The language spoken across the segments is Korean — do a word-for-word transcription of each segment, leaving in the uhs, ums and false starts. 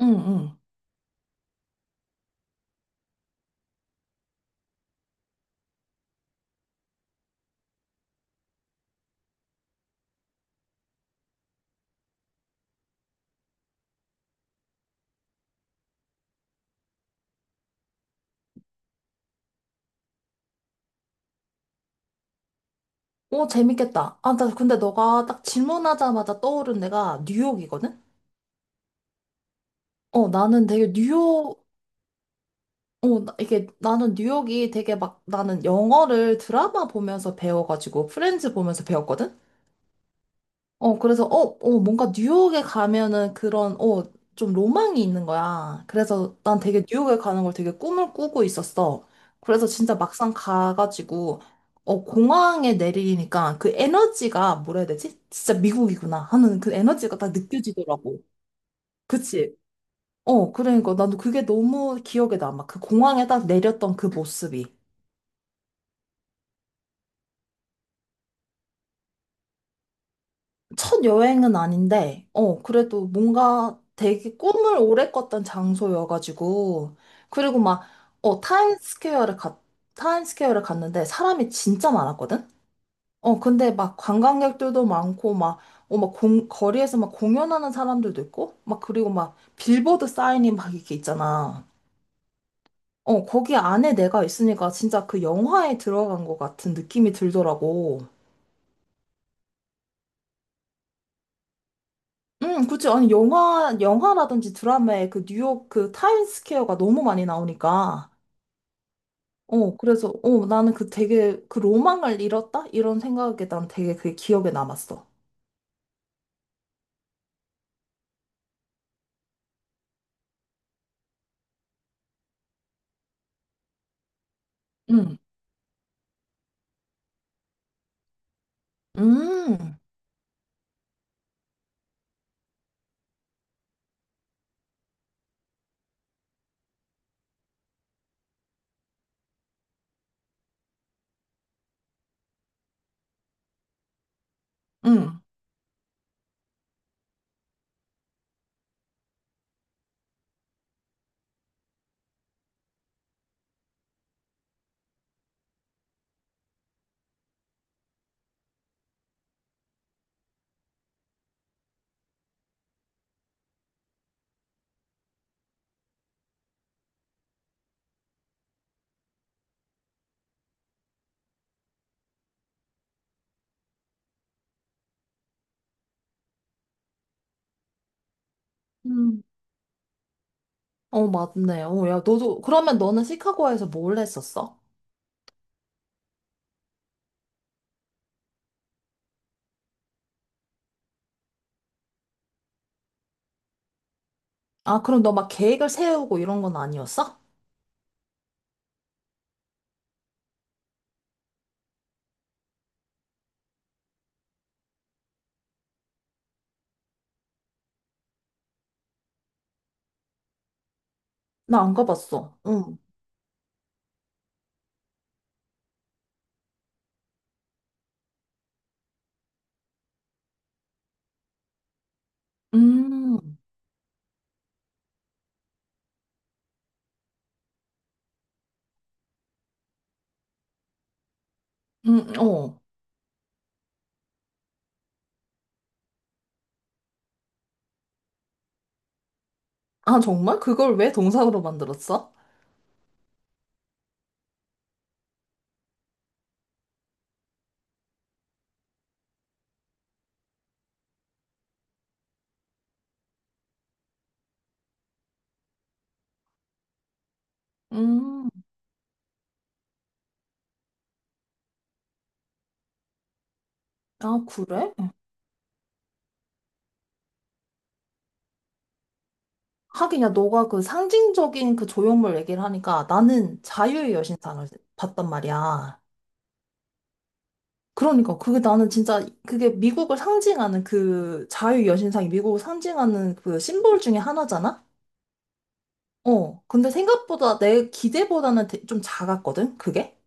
응, 응. 오, 재밌겠다. 아, 나 근데 너가 딱 질문하자마자 떠오른 데가 뉴욕이거든? 어, 나는 되게 뉴욕, 어, 나- 이게 나는 뉴욕이 되게 막 나는 영어를 드라마 보면서 배워가지고 프렌즈 보면서 배웠거든? 어, 그래서, 어, 어, 뭔가 뉴욕에 가면은 그런, 어, 좀 로망이 있는 거야. 그래서 난 되게 뉴욕에 가는 걸 되게 꿈을 꾸고 있었어. 그래서 진짜 막상 가가지고, 어, 공항에 내리니까 그 에너지가 뭐라 해야 되지? 진짜 미국이구나 하는 그 에너지가 딱 느껴지더라고. 그치? 어, 그러니까 나도 그게 너무 기억에 남아. 그 공항에 딱 내렸던 그 모습이. 첫 여행은 아닌데, 어, 그래도 뭔가 되게 꿈을 오래 꿨던 장소여가지고, 그리고 막, 어, 타임스퀘어를 갔, 타임스퀘어를 갔는데 사람이 진짜 많았거든? 어, 근데 막 관광객들도 많고, 막, 어, 막 공, 거리에서 막 공연하는 사람들도 있고, 막, 그리고 막 빌보드 사인이 막 이렇게 있잖아. 어, 거기 안에 내가 있으니까 진짜 그 영화에 들어간 것 같은 느낌이 들더라고. 응, 그치. 아니, 영화, 영화라든지 드라마에 그 뉴욕 그 타임스퀘어가 너무 많이 나오니까. 어, 그래서, 어, 나는 그 되게 그 로망을 잃었다? 이런 생각에 난 되게 그게 기억에 남았어. 응, 음, 응, 음. 어, 맞네. 어, 야, 너도, 그러면 너는 시카고에서 뭘 했었어? 아, 그럼 너 막 계획을 세우고 이런 건 아니었어? 나 안 가봤어. 응, 음, 음, 어. 아, 정말? 그걸 왜 동상으로 만들었어? 음, 아, 그래? 하긴, 야, 너가 그 상징적인 그 조형물 얘기를 하니까 나는 자유의 여신상을 봤단 말이야. 그러니까 그게 나는 진짜 그게 미국을 상징하는 그 자유의 여신상이 미국을 상징하는 그 심볼 중에 하나잖아? 어. 근데 생각보다 내 기대보다는 되- 좀 작았거든, 그게?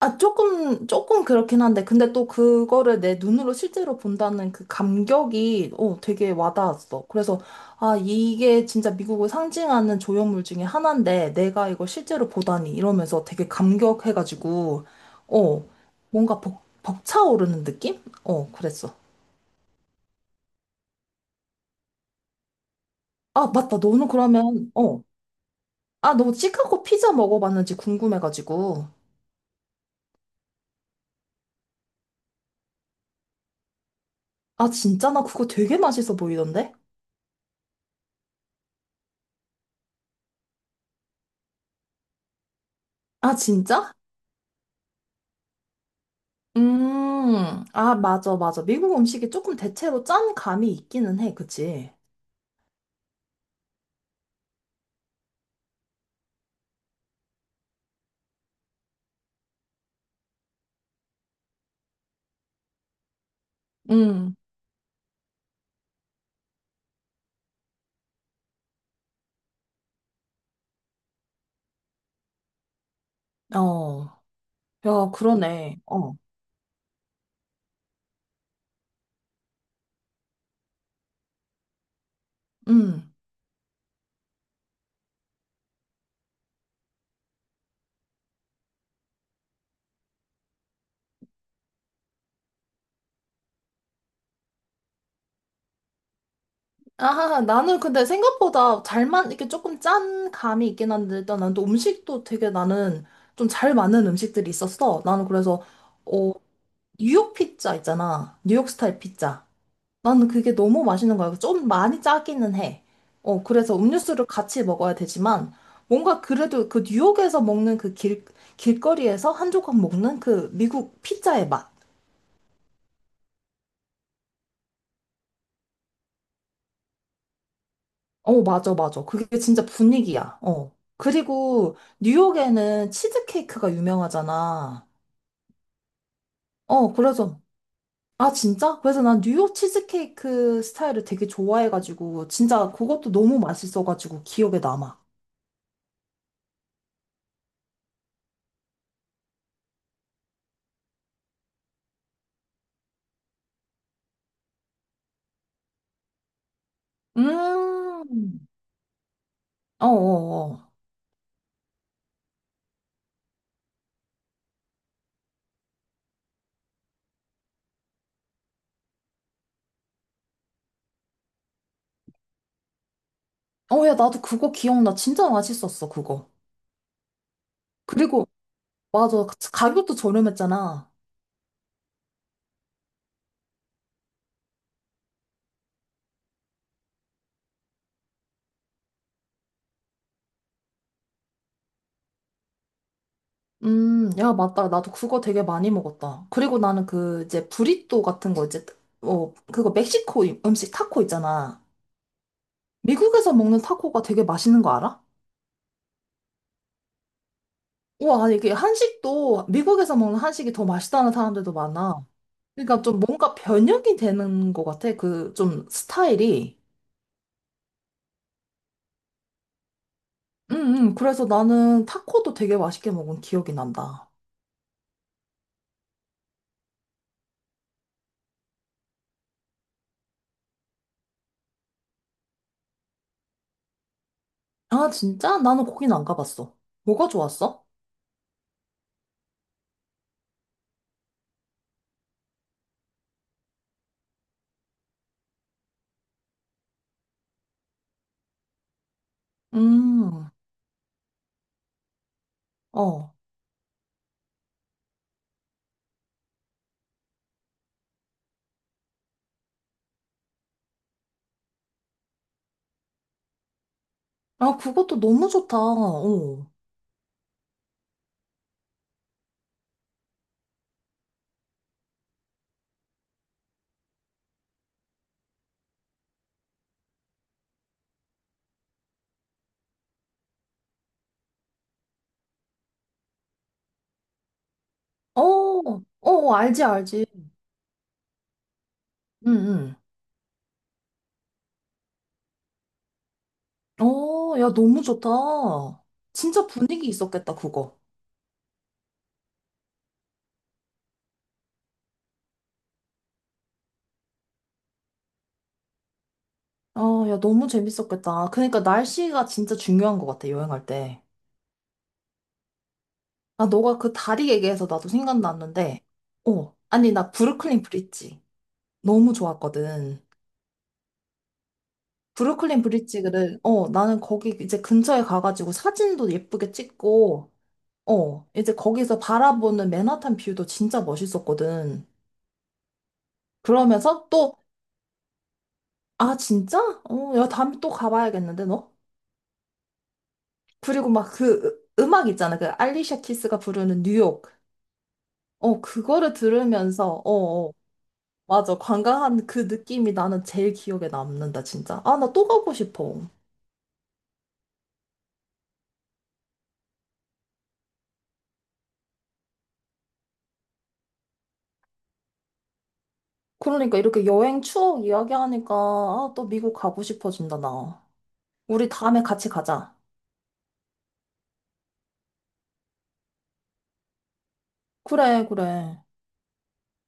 아, 조금, 조금 그렇긴 한데, 근데 또 그거를 내 눈으로 실제로 본다는 그 감격이, 어, 되게 와닿았어. 그래서, 아, 이게 진짜 미국을 상징하는 조형물 중에 하나인데, 내가 이걸 실제로 보다니, 이러면서 되게 감격해가지고, 어, 뭔가 벅, 벅차오르는 느낌? 어, 그랬어. 아, 맞다. 너는 그러면, 어, 아, 너 시카고 피자 먹어봤는지 궁금해가지고. 아, 진짜? 나 그거 되게 맛있어 보이던데? 아, 진짜? 음, 아, 맞아, 맞아. 미국 음식이 조금 대체로 짠 감이 있기는 해, 그치? 음. 어, 야, 그러네. 어, 음. 아, 나는 근데 생각보다 잘만, 이렇게 조금 짠 감이 있긴 한데, 일단 난 또 음식도 되게 나는 좀 잘 맞는 음식들이 있었어. 나는 그래서, 어, 뉴욕 피자 있잖아. 뉴욕 스타일 피자. 나는 그게 너무 맛있는 거야. 좀 많이 짜기는 해. 어, 그래서 음료수를 같이 먹어야 되지만, 뭔가 그래도 그 뉴욕에서 먹는 그 길, 길거리에서 한 조각 먹는 그 미국 피자의 맛. 어, 맞아, 맞아. 그게 진짜 분위기야. 어. 그리고 뉴욕에는 치즈케이크가 유명하잖아. 어, 그래서, 아, 진짜? 그래서 난 뉴욕 치즈케이크 스타일을 되게 좋아해가지고, 진짜 그것도 너무 맛있어가지고 기억에 남아. 음, 어어어. 어, 야, 나도 그거 기억나. 진짜 맛있었어, 그거. 그리고, 맞아. 가격도 저렴했잖아. 음, 야, 맞다. 나도 그거 되게 많이 먹었다. 그리고 나는 그, 이제, 브리또 같은 거, 이제, 어, 그거 멕시코 이- 음식 타코 있잖아. 미국에서 먹는 타코가 되게 맛있는 거 알아? 우와, 이게 한식도, 미국에서 먹는 한식이 더 맛있다는 사람들도 많아. 그러니까 좀 뭔가 변형이 되는 것 같아. 그, 좀, 스타일이. 응, 응. 그래서 나는 타코도 되게 맛있게 먹은 기억이 난다. 아, 진짜? 나는 거긴 안 가봤어. 뭐가 좋았어? 음, 어. 아, 그것도 너무 좋다. 어. 어, 어, 어, 알지, 알지. 응, 응. 어, 야, 너무 좋다. 진짜 분위기 있었겠다, 그거. 아, 야, 너무 재밌었겠다. 그러니까 날씨가 진짜 중요한 것 같아, 여행할 때. 아, 너가 그 다리 얘기해서 나도 생각났는데, 어. 아니, 나 브루클린 브릿지. 너무 좋았거든. 브루클린 브릿지를, 어, 나는 거기 이제 근처에 가가지고 사진도 예쁘게 찍고, 어, 이제 거기서 바라보는 맨하탄 뷰도 진짜 멋있었거든. 그러면서 또, 아, 진짜? 어, 야, 다음에 또 가봐야겠는데, 너? 그리고 막그 음, 음악 있잖아. 그 알리샤 키스가 부르는 뉴욕. 어, 그거를 들으면서, 어, 어, 맞아. 관광한 그 느낌이 나는 제일 기억에 남는다, 진짜. 아, 나 또 가고 싶어. 그러니까 이렇게 여행 추억 이야기하니까 아, 또 미국 가고 싶어진다, 나. 우리 다음에 같이 가자. 그래, 그래.